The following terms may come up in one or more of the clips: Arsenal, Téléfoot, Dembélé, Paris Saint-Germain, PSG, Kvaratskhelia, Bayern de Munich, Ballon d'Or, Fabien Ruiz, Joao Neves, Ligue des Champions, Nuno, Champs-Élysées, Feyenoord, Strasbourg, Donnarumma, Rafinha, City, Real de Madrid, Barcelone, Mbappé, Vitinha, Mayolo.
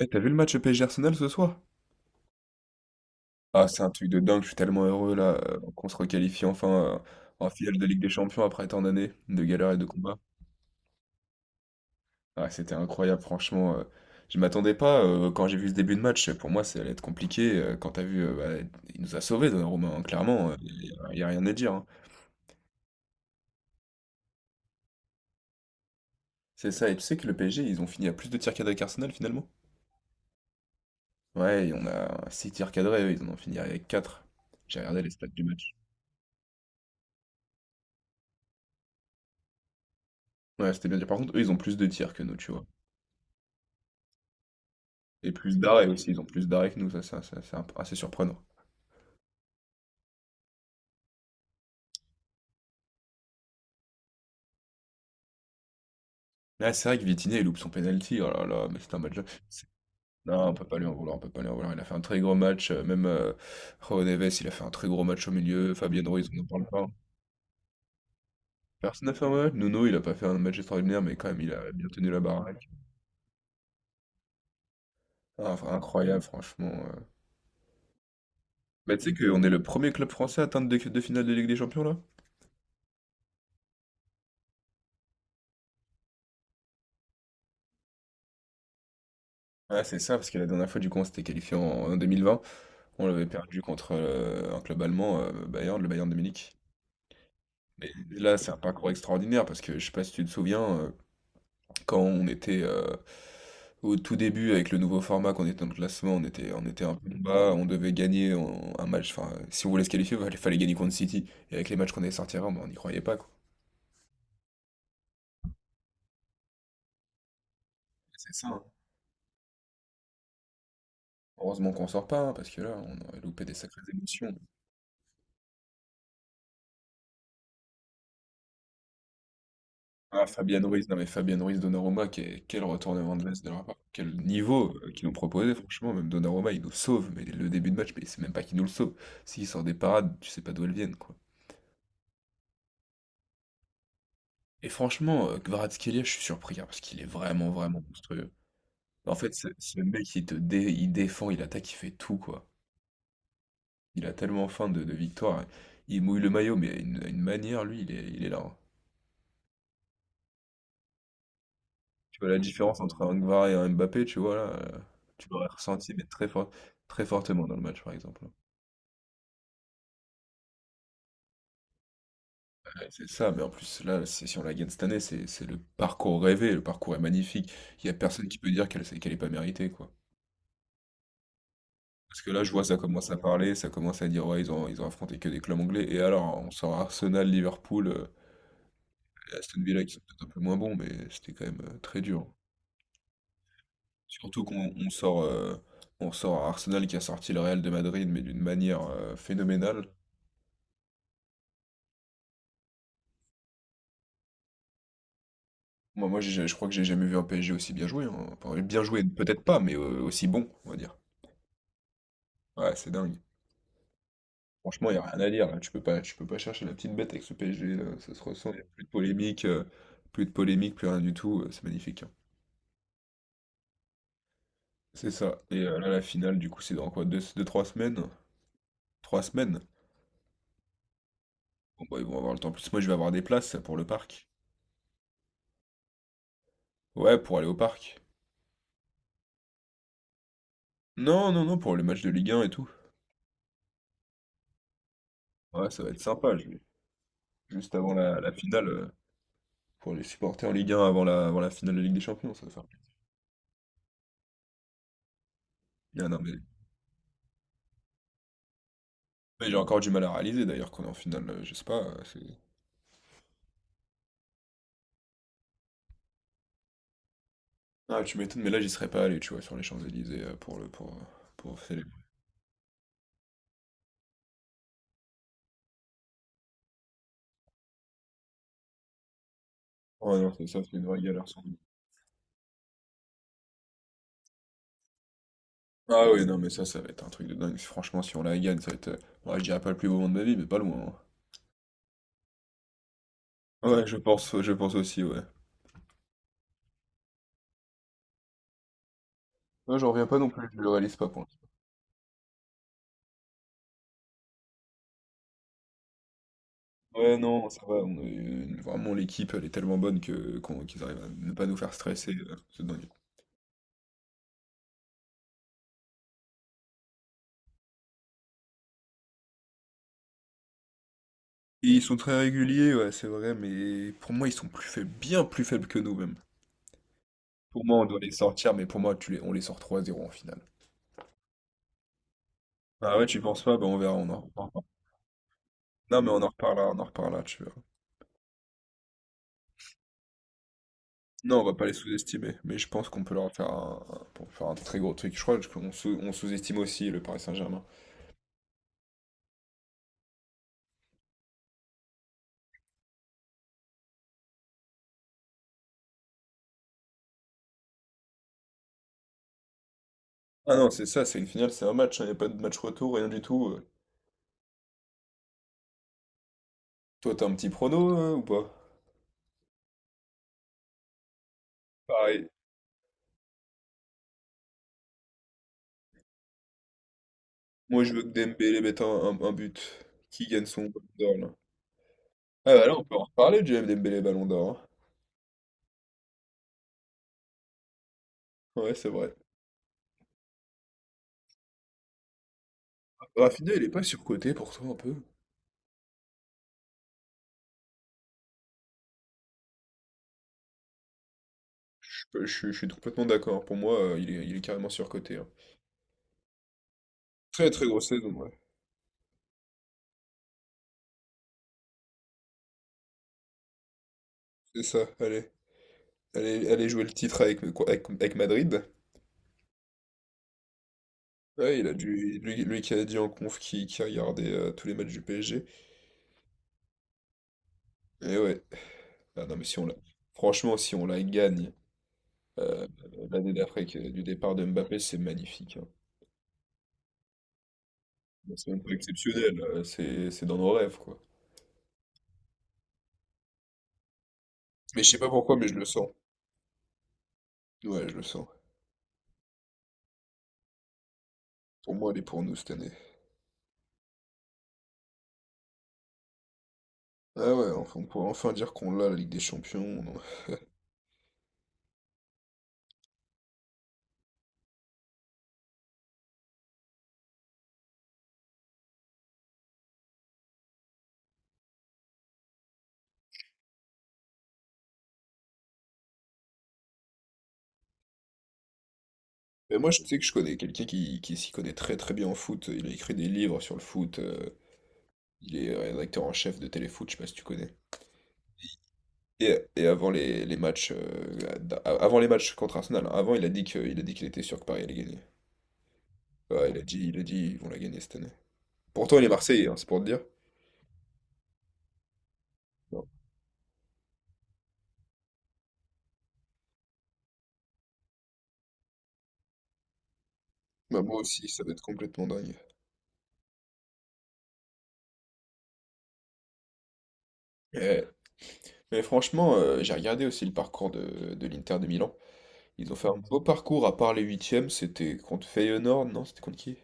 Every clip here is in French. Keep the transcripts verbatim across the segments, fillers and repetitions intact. Eh, t'as vu le match P S G Arsenal ce soir? Ah, c'est un truc de dingue, je suis tellement heureux là euh, qu'on se requalifie enfin euh, en finale de Ligue des Champions après tant d'années de galères et de combats. Ah, c'était incroyable, franchement. euh, Je m'attendais pas euh, quand j'ai vu ce début de match. Pour moi, ça allait être compliqué. Euh, quand t'as vu, euh, bah, il nous a sauvés, Donnarumma, hein, clairement. Il n'y a rien à dire, hein. C'est ça, et tu sais que le P S G, ils ont fini à plus de tirs cadrés qu'Arsenal finalement? Ouais, et on a six tirs cadrés, eux, ils en ont fini avec quatre. J'ai regardé les stats du match. Ouais, c'était bien dit. Par contre, eux, ils ont plus de tirs que nous, tu vois. Et plus d'arrêts aussi, ils ont plus d'arrêts que nous, ça, ça, ça, c'est un- assez surprenant. Là, c'est vrai que Vitinha, il loupe son penalty, oh là là, mais c'est un match. c'est- Non, on peut pas lui en vouloir, on peut pas lui en vouloir. Il a fait un très gros match, euh, même euh, Joao Neves, il a fait un très gros match au milieu, Fabien Ruiz, on n'en parle pas. Personne n'a fait un mauvais match. Nuno, il a pas fait un match extraordinaire, mais quand même, il a bien tenu la baraque. Ah, enfin, incroyable, franchement. euh. Bah, tu sais qu'on est le premier club français à atteindre deux, deux finales de Ligue des Champions, là? Ouais, c'est ça, parce que la dernière fois, du coup, on s'était qualifié en, en deux mille vingt. On l'avait perdu contre euh, un club allemand, euh, Bayern, le Bayern de Munich. Mais là, c'est un parcours extraordinaire parce que je sais pas si tu te souviens, euh, quand on était euh, au tout début avec le nouveau format, qu'on était dans le classement, on était, on était un peu en bas, on devait gagner en- un match. Enfin, si on voulait se qualifier, il fallait gagner contre City. Et avec les matchs qu'on allait sortir, avant, ben, on n'y croyait pas, quoi. C'est ça, hein. Heureusement qu'on sort pas, hein, parce que là, on aurait loupé des sacrées émotions. Ah, Fabian Ruiz, non mais Fabian Ruiz, Donnarumma, quel, quel retournement de veste de leur part. Quel niveau euh, qu'ils nous proposaient, franchement, même Donnarumma, il nous sauve, mais le début de match, mais c'est même pas qu'il nous le sauve. S'il sort des parades, tu sais pas d'où elles viennent, quoi. Et franchement, euh, Kvaratskhelia, je suis surpris, hein, parce qu'il est vraiment, vraiment monstrueux. En fait, ce, ce mec, il te dé- il défend, il attaque, il fait tout, quoi. Il a tellement faim de, de victoire, hein. Il mouille le maillot, mais à une, à une manière, lui, il est, il est là, hein. Tu vois la différence entre un Kvara et un Mbappé, tu vois là, euh, tu l'aurais ressenti mais très fort, très fortement dans le match par exemple. Ouais, c'est ça, mais en plus là, c'est si on la gagne cette année, c'est c'est le parcours rêvé, le parcours est magnifique. Il y a personne qui peut dire qu'elle qu'elle est pas méritée, quoi. Parce que là, je vois ça commence à parler, ça commence à dire ouais, ils ont ils ont affronté que des clubs anglais et alors on sort Arsenal, Liverpool, euh, et Aston Villa qui sont peut-être un peu moins bons, mais c'était quand même euh, très dur. Surtout qu'on on sort euh, on sort Arsenal qui a sorti le Real de Madrid mais d'une manière euh, phénoménale. Moi moi j'ai je crois que j'ai jamais vu un P S G aussi bien joué, hein. Enfin bien joué peut-être pas, mais, heu, aussi bon, on va dire. Ouais, c'est dingue. Franchement, il y a rien à dire là, tu peux pas tu peux pas chercher la petite bête avec ce P S G là, ça se ressent, il y a plus de polémique, heu, plus de polémique, plus rien du tout, heu, c'est magnifique, hein. C'est ça et heu, là la finale du coup c'est dans quoi? 2 deux trois semaines? Trois semaines? Bon bah, ils vont avoir le temps. En plus moi je vais avoir des places pour le parc. Ouais, pour aller au parc. Non, non, non, pour les matchs de Ligue un et tout. Ouais, ça va être sympa, je vais juste avant la la finale, heu pour les supporter en Ligue un avant la, avant la finale de Ligue des Champions, ça va faire plaisir. Non, mais, mais j'ai encore du mal à réaliser d'ailleurs qu'on est en finale, euh, je sais pas. euh, c'est- Ah, tu m'étonnes, mais là j'y serais pas allé, tu vois, sur les Champs-Élysées euh, pour le pour, euh, pour célébrer. Ouais, non, c'est ça, c'est une vraie galère sans doute. Ah oui, non, mais ça, ça va être un truc de dingue. Franchement, si on la gagne, ça va être. euh, Ouais, je dirais pas le plus beau moment de ma vie, mais pas loin. Hein. Ouais, je pense, je pense aussi, ouais. Non, j'en reviens pas non plus, je le réalise pas pour l'instant. Ouais, non, ça va, on a eu- une- vraiment l'équipe, elle est tellement bonne que qu'on- qu'ils arrivent à ne pas nous faire stresser, euh, c'est dingue. Ils sont très réguliers, ouais, c'est vrai, mais pour moi, ils sont plus faibles, bien plus faibles que nous même. Pour moi, on doit les sortir, mais pour moi, tu les, on les sort trois à zéro en finale. Ah ouais, tu y penses pas? Ben on verra, on en reparlera. Non, mais on en reparlera, on en reparlera, tu verras. Non, on va pas les sous-estimer, mais je pense qu'on peut leur faire un, un- pour faire un très gros truc. Je crois qu'on sous, on sous-estime aussi le Paris Saint-Germain. Ah non, c'est ça, c'est une finale, c'est un match, il n'y a pas de match retour, rien du tout. euh. Toi, t'as un petit prono, euh, ou pas? Pareil. Moi, je veux que Dembélé mette un, un- un but. Qui gagne son Ballon d'Or, là. Ah bah là, on peut en reparler du Dembélé Ballon d'Or. Hein. Ouais, c'est vrai. Rafinha, il est pas surcoté pour toi un peu? Je, peux- je suis je suis complètement d'accord. Pour moi, euh, il est, il est carrément surcoté, hein. Très très grosse saison, ouais. C'est ça, allez. Allez, allez jouer le titre avec, avec, avec Madrid. Ouais, il a dû, lui, lui qui a dit en conf qui, qui regardait euh, tous les matchs du P S G. Et ouais. Ah non, mais si on la... Franchement, si on la gagne euh, l'année d'après que- du départ de Mbappé, c'est magnifique, hein. C'est même pas exceptionnel, euh, c'est c'est dans nos rêves, quoi. Mais je sais pas pourquoi, mais je le sens. Ouais, je le sens. Pour moi, elle est pour nous cette année. Ah ouais, enfin, on pourrait enfin dire qu'on l'a, la Ligue des Champions. On Mais moi, je sais que je connais quelqu'un qui, qui s'y connaît très très bien en foot. Il a écrit des livres sur le foot. euh, Il est rédacteur en chef de Téléfoot, je sais pas si tu connais. Et, et avant les, les matchs, euh, d'a- avant les matchs contre Arsenal, hein, avant, il a dit que, il a dit qu'il était sûr que Paris allait gagner. Ouais, il a dit, il a dit, ils vont la gagner cette année. Pourtant, il est Marseillais, hein, c'est pour te dire. Non. Bah, moi aussi, ça va être complètement dingue. Eh, Mais franchement, euh, j'ai regardé aussi le parcours de, de l'Inter de Milan. Ils ont fait un beau parcours, à part les huitièmes, c'était contre Feyenoord, non? C'était contre qui?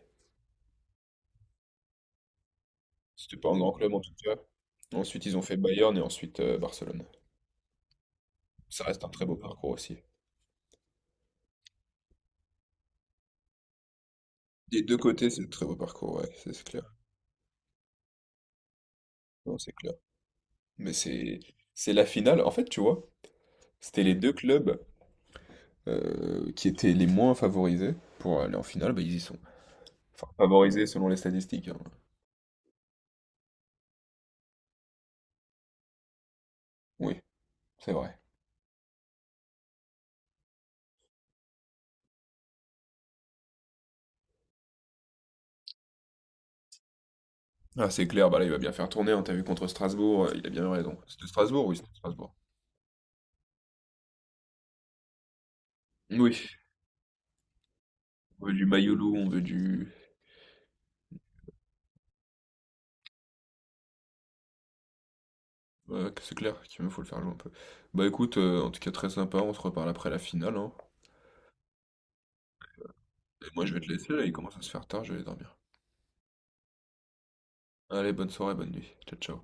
C'était pas un grand club en tout cas. Ensuite, ils ont fait Bayern et ensuite euh, Barcelone. Ça reste un très beau parcours aussi. Des deux côtés, c'est un très beau parcours, ouais, c'est c'est clair. Non, c'est clair. Mais c'est c'est la finale. En fait, tu vois, c'était les deux clubs euh, qui étaient les moins favorisés pour aller en finale, bah, ils y sont. Enfin, favorisés selon les statistiques, hein. Oui, c'est vrai. Ah, c'est clair, bah là, il va bien faire tourner, hein, t'as vu contre Strasbourg, euh, il a bien raison. C'était Strasbourg, oui, c'était Strasbourg. Oui, on veut du Mayolo, on veut du. Ouais, que c'est clair qu'il me faut le faire jouer un peu. Bah écoute, euh, en tout cas très sympa, on se reparle après la finale, hein. Et moi je vais te laisser là, il commence à se faire tard, je vais aller dormir. Allez, bonne soirée, bonne nuit. Ciao, ciao.